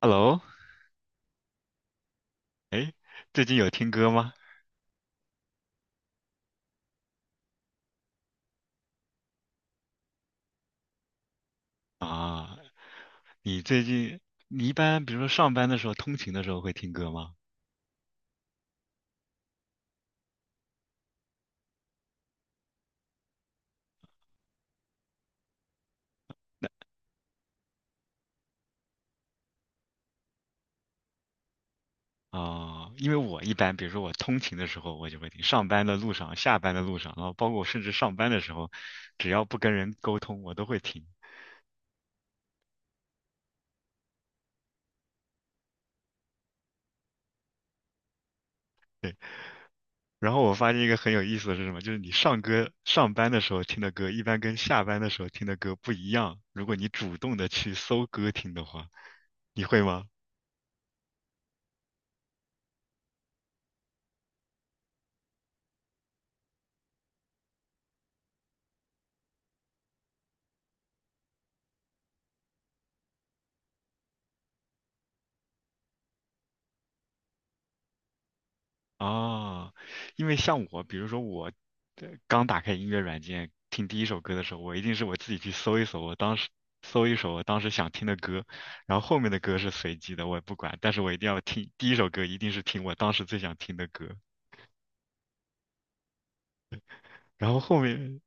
Hello，哎，最近有听歌吗？啊，你最近你一般比如说上班的时候、通勤的时候会听歌吗？啊，因为我一般比如说我通勤的时候我就会听，上班的路上、下班的路上，然后包括我甚至上班的时候，只要不跟人沟通，我都会听。然后我发现一个很有意思的是什么？就是你上班的时候听的歌，一般跟下班的时候听的歌不一样。如果你主动的去搜歌听的话，你会吗？哦，因为像我，比如说我刚打开音乐软件听第一首歌的时候，我一定是我自己去搜一搜，我当时搜一首我当时想听的歌，然后后面的歌是随机的，我也不管，但是我一定要听第一首歌，一定是听我当时最想听的歌，然后后面，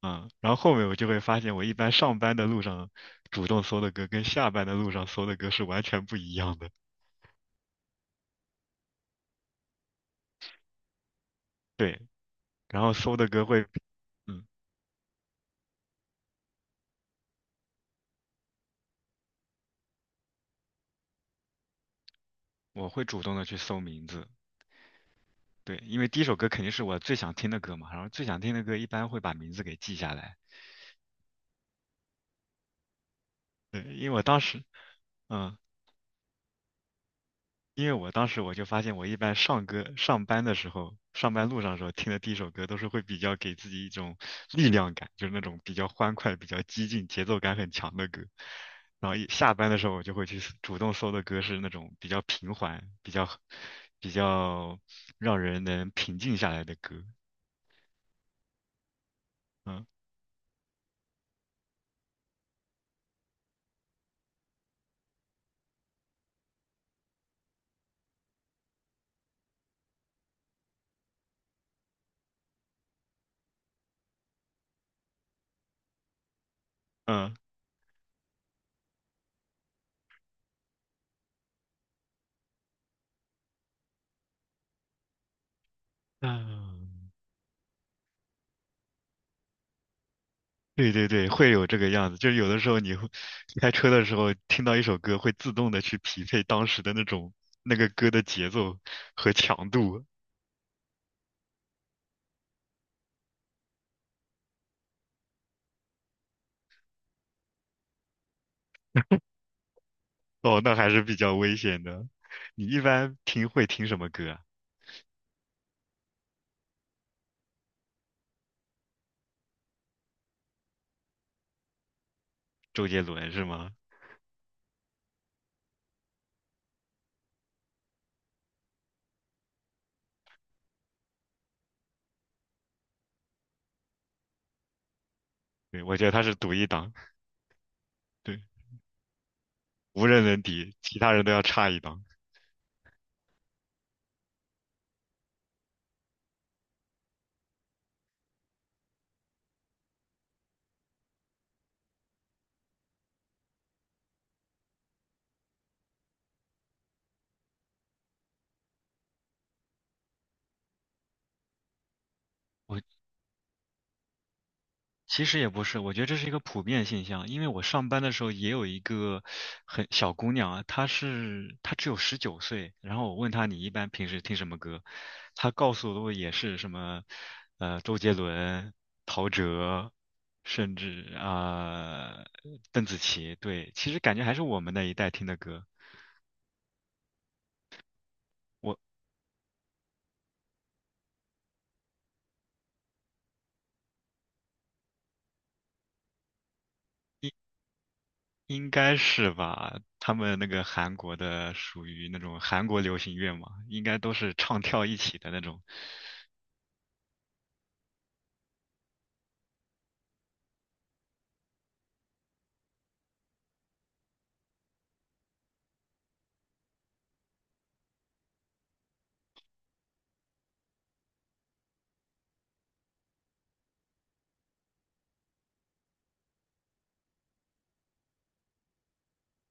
嗯，然后后面我就会发现，我一般上班的路上主动搜的歌跟下班的路上搜的歌是完全不一样的。对，然后搜的歌会，嗯，我会主动的去搜名字。对，因为第一首歌肯定是我最想听的歌嘛，然后最想听的歌一般会把名字给记下来。对，嗯，因为我当时我就发现，我一般上班的时候，上班路上的时候听的第一首歌都是会比较给自己一种力量感，就是那种比较欢快、比较激进、节奏感很强的歌。然后一下班的时候，我就会去主动搜的歌是那种比较平缓、比较让人能平静下来的歌。嗯嗯嗯。对对对，会有这个样子，就是有的时候你会开车的时候听到一首歌，会自动的去匹配当时的那个歌的节奏和强度。哦，那还是比较危险的。你一般会听什么歌啊？周杰伦是吗？对，我觉得他是独一档。对，无人能敌，其他人都要差一档。其实也不是，我觉得这是一个普遍现象。因为我上班的时候也有一个很小姑娘啊，她只有19岁，然后我问她你一般平时听什么歌，她告诉我也是什么，周杰伦、陶喆，甚至啊、邓紫棋。对，其实感觉还是我们那一代听的歌。我应该是吧？他们那个韩国的属于那种韩国流行乐嘛，应该都是唱跳一起的那种。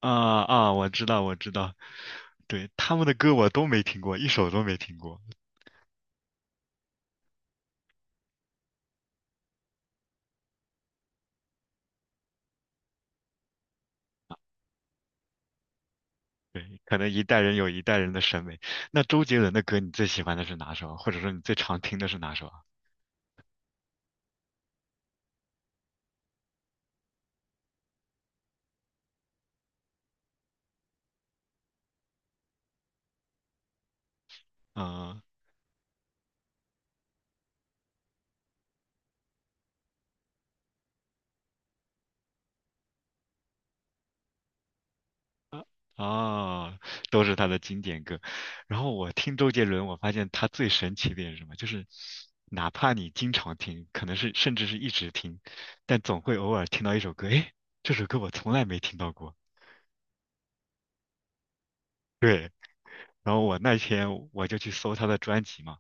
啊啊，我知道，我知道。对，他们的歌我都没听过，一首都没听过。对，可能一代人有一代人的审美。那周杰伦的歌，你最喜欢的是哪首啊？或者说你最常听的是哪首啊？嗯。哦，都是他的经典歌。然后我听周杰伦，我发现他最神奇的点是什么？就是哪怕你经常听，可能是甚至是一直听，但总会偶尔听到一首歌，诶，这首歌我从来没听到过。对，然后我那天我就去搜他的专辑嘛。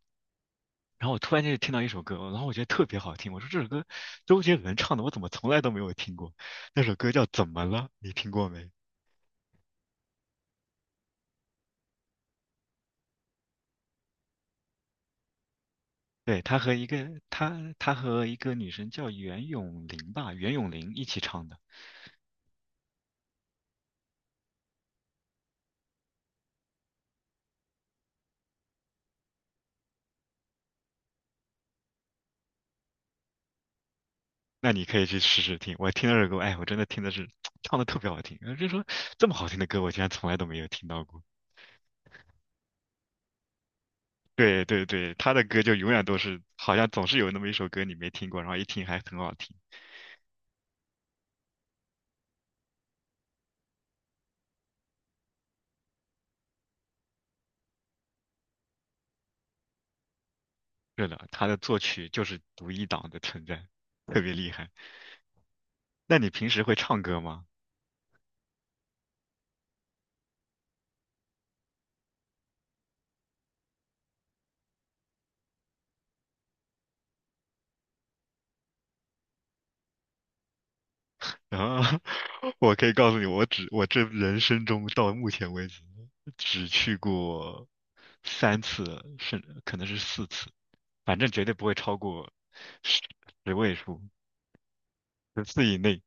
然后我突然间就听到一首歌，然后我觉得特别好听，我说这首歌周杰伦唱的，我怎么从来都没有听过？那首歌叫《怎么了》，你听过没？对，他和一个女生叫袁咏琳吧，袁咏琳一起唱的。那你可以去试试听。我听到这首歌，哎，我真的听的是 唱的特别好听。就说这么好听的歌，我竟然从来都没有听到过。对对对，他的歌就永远都是，好像总是有那么一首歌你没听过，然后一听还很好听。是的，他的作曲就是独一档的存在，特别厉害。那你平时会唱歌吗？然后 我可以告诉你，我这人生中到目前为止只去过3次，可能是4次，反正绝对不会超过十十位数，10次以内。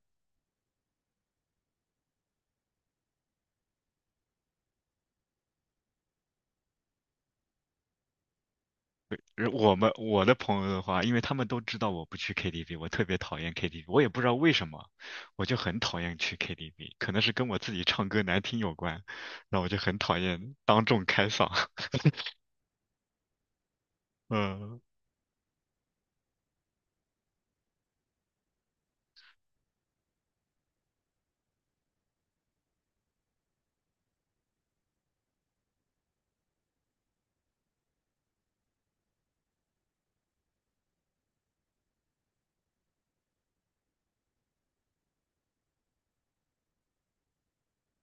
而我的朋友的话，因为他们都知道我不去 KTV，我特别讨厌 KTV，我也不知道为什么，我就很讨厌去 KTV，可能是跟我自己唱歌难听有关，那我就很讨厌当众开嗓。嗯。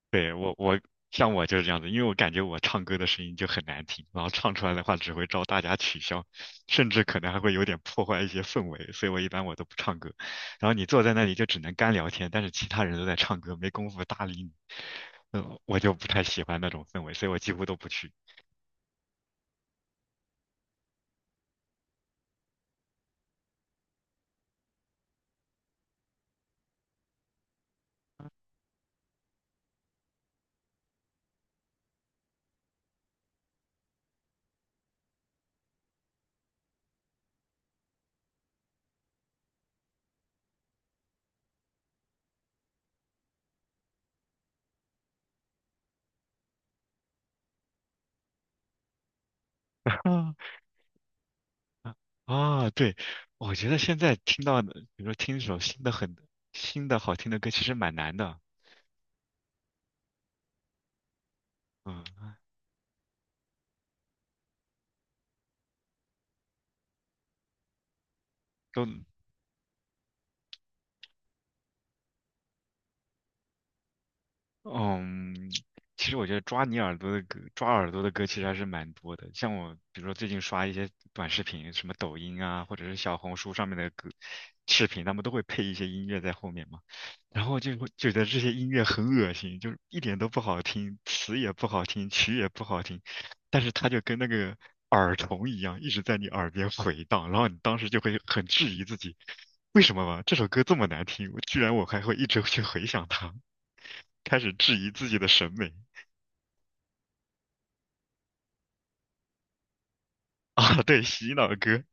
对，像我就是这样子，因为我感觉我唱歌的声音就很难听，然后唱出来的话只会招大家取笑，甚至可能还会有点破坏一些氛围，所以我一般我都不唱歌。然后你坐在那里就只能干聊天，但是其他人都在唱歌，没工夫搭理你。嗯，我就不太喜欢那种氛围，所以我几乎都不去。啊啊啊！对，我觉得现在听到的，比如说听一首很新的好听的歌，其实蛮难的。嗯，都嗯，其实我觉得抓你耳朵的歌，抓耳朵的歌其实还是蛮多的。像我，比如说最近刷一些短视频，什么抖音啊，或者是小红书上面的歌视频，他们都会配一些音乐在后面嘛。然后就会觉得这些音乐很恶心，就是一点都不好听，词也不好听，曲也不好听，但是它就跟那个耳虫一样，一直在你耳边回荡，然后你当时就会很质疑自己，为什么吧，这首歌这么难听，居然我还会一直去回想它。开始质疑自己的审美。啊，对，洗脑歌，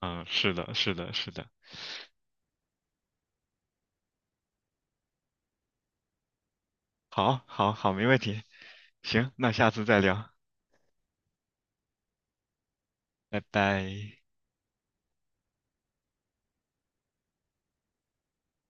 嗯，是的，是的，是的，好，好，好，没问题，行，那下次再聊，拜拜。